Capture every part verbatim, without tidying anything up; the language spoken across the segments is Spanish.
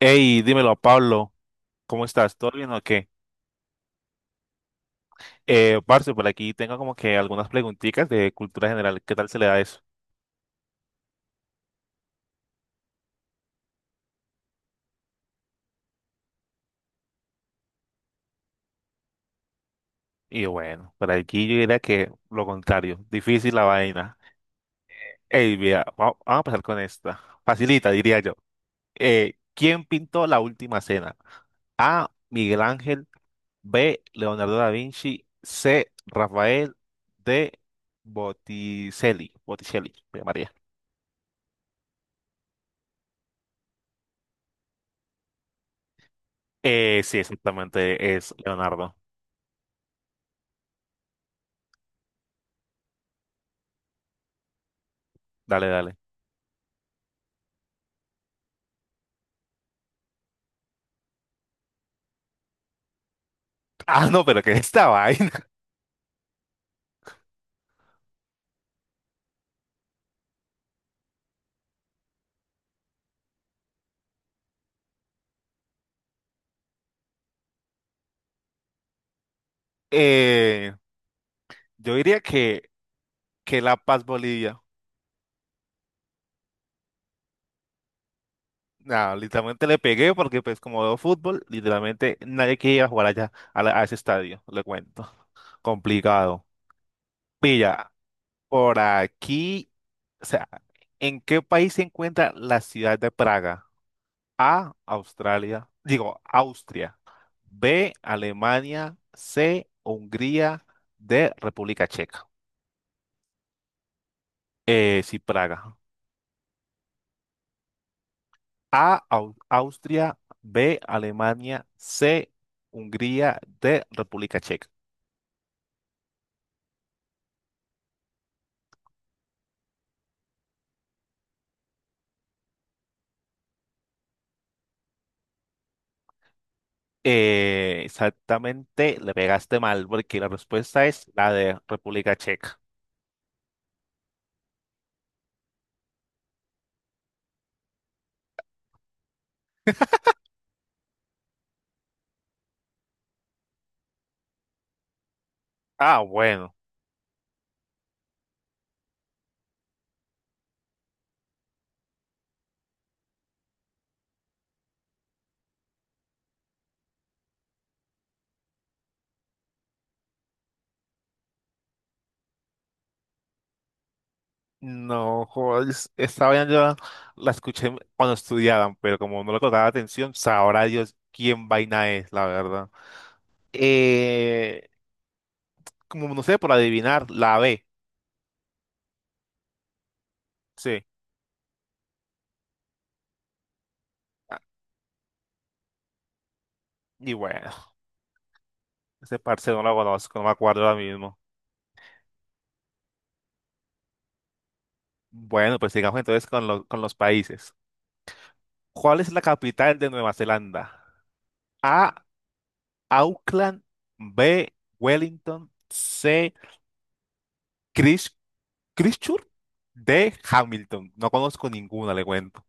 Hey, dímelo, Pablo, ¿cómo estás? ¿Todo bien o qué? Eh, parce, por aquí tengo como que algunas preguntitas de cultura general. ¿Qué tal se le da eso? Y bueno, por aquí yo diría que lo contrario, difícil la vaina. Hey, mira, va- vamos a empezar con esta. Facilita, diría yo. Eh, ¿quién pintó la última cena? A. Miguel Ángel. B. Leonardo da Vinci. C. Rafael. D. Botticelli. Botticelli, María. Eh, sí, exactamente, es Leonardo. Dale, dale. Ah, no, pero que esta vaina. Eh, yo diría que, que La Paz Bolivia. Nah, literalmente le pegué porque pues como veo fútbol, literalmente nadie quería jugar allá a, la- a ese estadio, le cuento. Complicado. Pilla, por aquí, o sea, ¿en qué país se encuentra la ciudad de Praga? A, Australia, digo, Austria. B, Alemania. C, Hungría. D, República Checa. Eh, sí, Praga. A, Au- Austria, B, Alemania, C, Hungría, D, República Checa. Eh, exactamente, le pegaste mal porque la respuesta es la de República Checa. Ah, bueno. No, joder, es- esta vaina yo la escuché cuando estudiaban, pero como no le colocaba atención, sabrá Dios quién vaina es, la verdad. Eh, Como no sé, por adivinar, la B. Sí. Ah, y bueno, ese parce no la conozco, no me acuerdo ahora mismo. Bueno, pues sigamos entonces con, lo- con los países. ¿Cuál es la capital de Nueva Zelanda? A. Auckland. B. Wellington. C. Christ- Christchurch. D. Hamilton. No conozco ninguna, le cuento.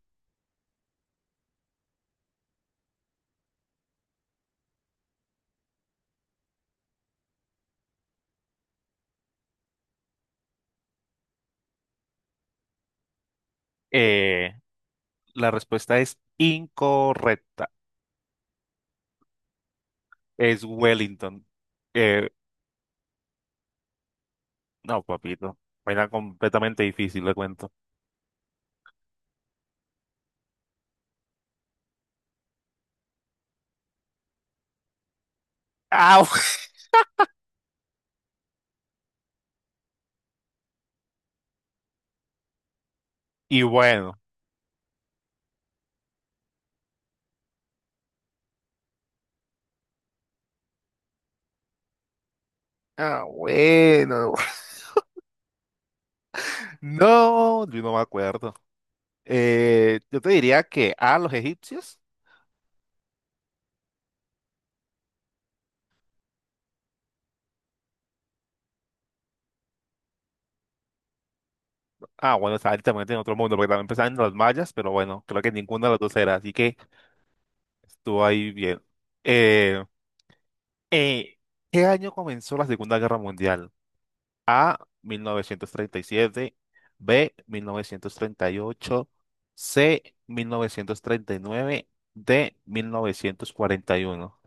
Eh, la respuesta es incorrecta. Es Wellington. Eh, no, papito. Era completamente difícil, le cuento. ¡Au! Y bueno. Ah, bueno. No, yo no me acuerdo. Eh, yo te diría que a los egipcios. Ah, bueno, está también en otro mundo, porque también pensaban en los mayas, pero bueno, creo que ninguna de las dos era, así que estuvo ahí bien. Eh, eh, ¿Qué año comenzó la Segunda Guerra Mundial? A, mil novecientos treinta y siete. B, mil novecientos treinta y ocho. C, mil novecientos treinta y nueve. D, mil novecientos cuarenta y uno.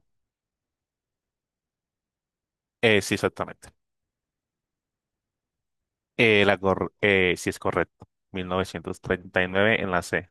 Eh, sí, exactamente. Eh, la cor- eh, sí, es correcto. Mil novecientos treinta y nueve en la C.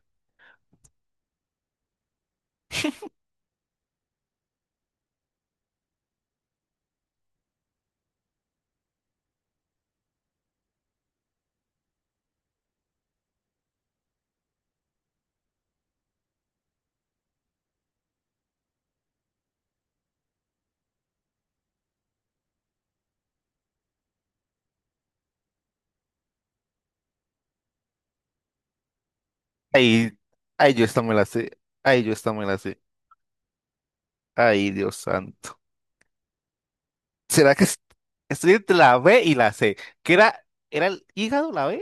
Ay, ay, yo esta me la sé. Ay, yo esta me la sé. Ay, Dios santo. ¿Será que es- ¿Estoy entre la B y la C? ¿Qué era? ¿Era el hígado la B?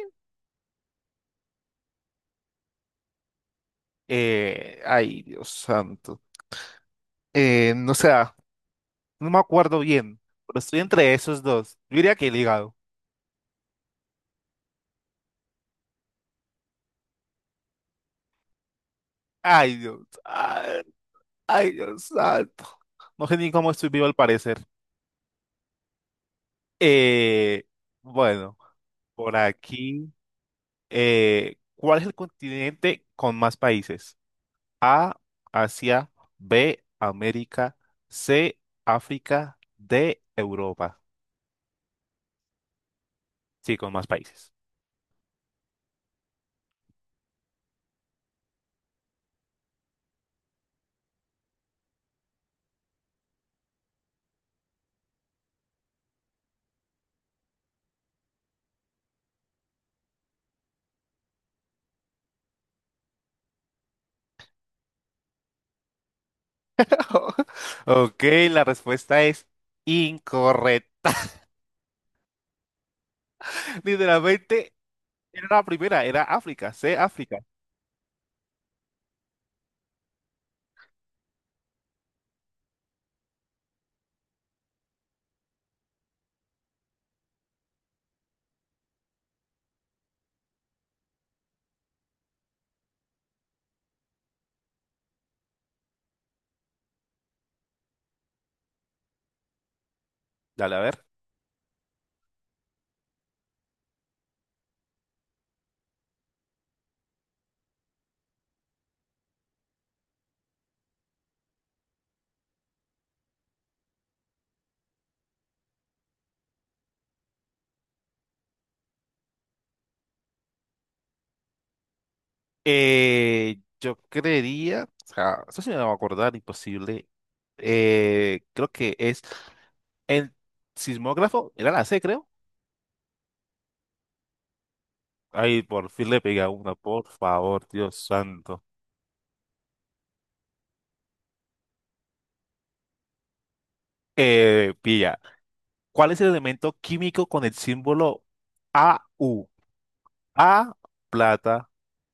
Eh, ay, Dios santo. Eh, no sé, ah, no me acuerdo bien, pero estoy entre esos dos. Yo diría que el hígado. Ay, Dios. Ay, ay, Dios santo. No sé ni cómo estoy vivo al parecer. Eh, bueno, por aquí. Eh, ¿cuál es el continente con más países? A, Asia. B, América. C, África. D, Europa. Sí, con más países. Ok, la respuesta es incorrecta. Literalmente era la primera, era África, C, África. Dale, a ver. Eh, yo creería, o sea, eso sí me va a acordar, imposible. Eh, creo que es el sismógrafo, era la C, creo. Ay, por fin le pega una, por favor, Dios santo. Eh, pilla. ¿Cuál es el elemento químico con el símbolo A U? A, plata.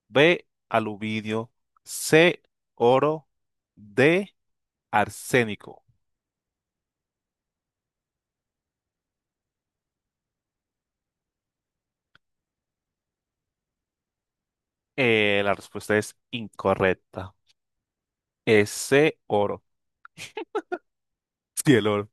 B, aluminio. C, oro. D, arsénico. Eh, la respuesta es incorrecta. Es C, oro. Sí, el oro.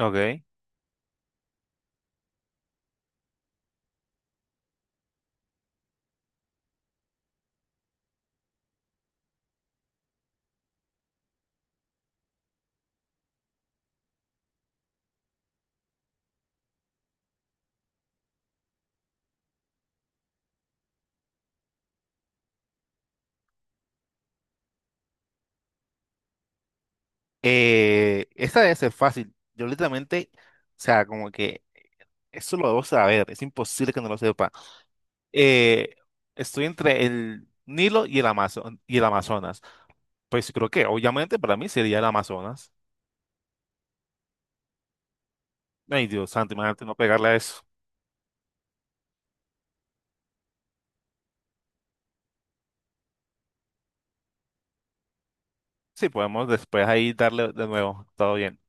Ok. Eh, esta debe ser fácil. Yo literalmente, o sea, como que eso lo debo saber. Es imposible que no lo sepa. eh, Estoy entre el Nilo y el Amazo- y el Amazonas. Pues creo que obviamente para mí sería el Amazonas. Ay, Dios santo, imagínate no pegarle a eso. Sí, podemos después ahí darle de nuevo. Todo bien.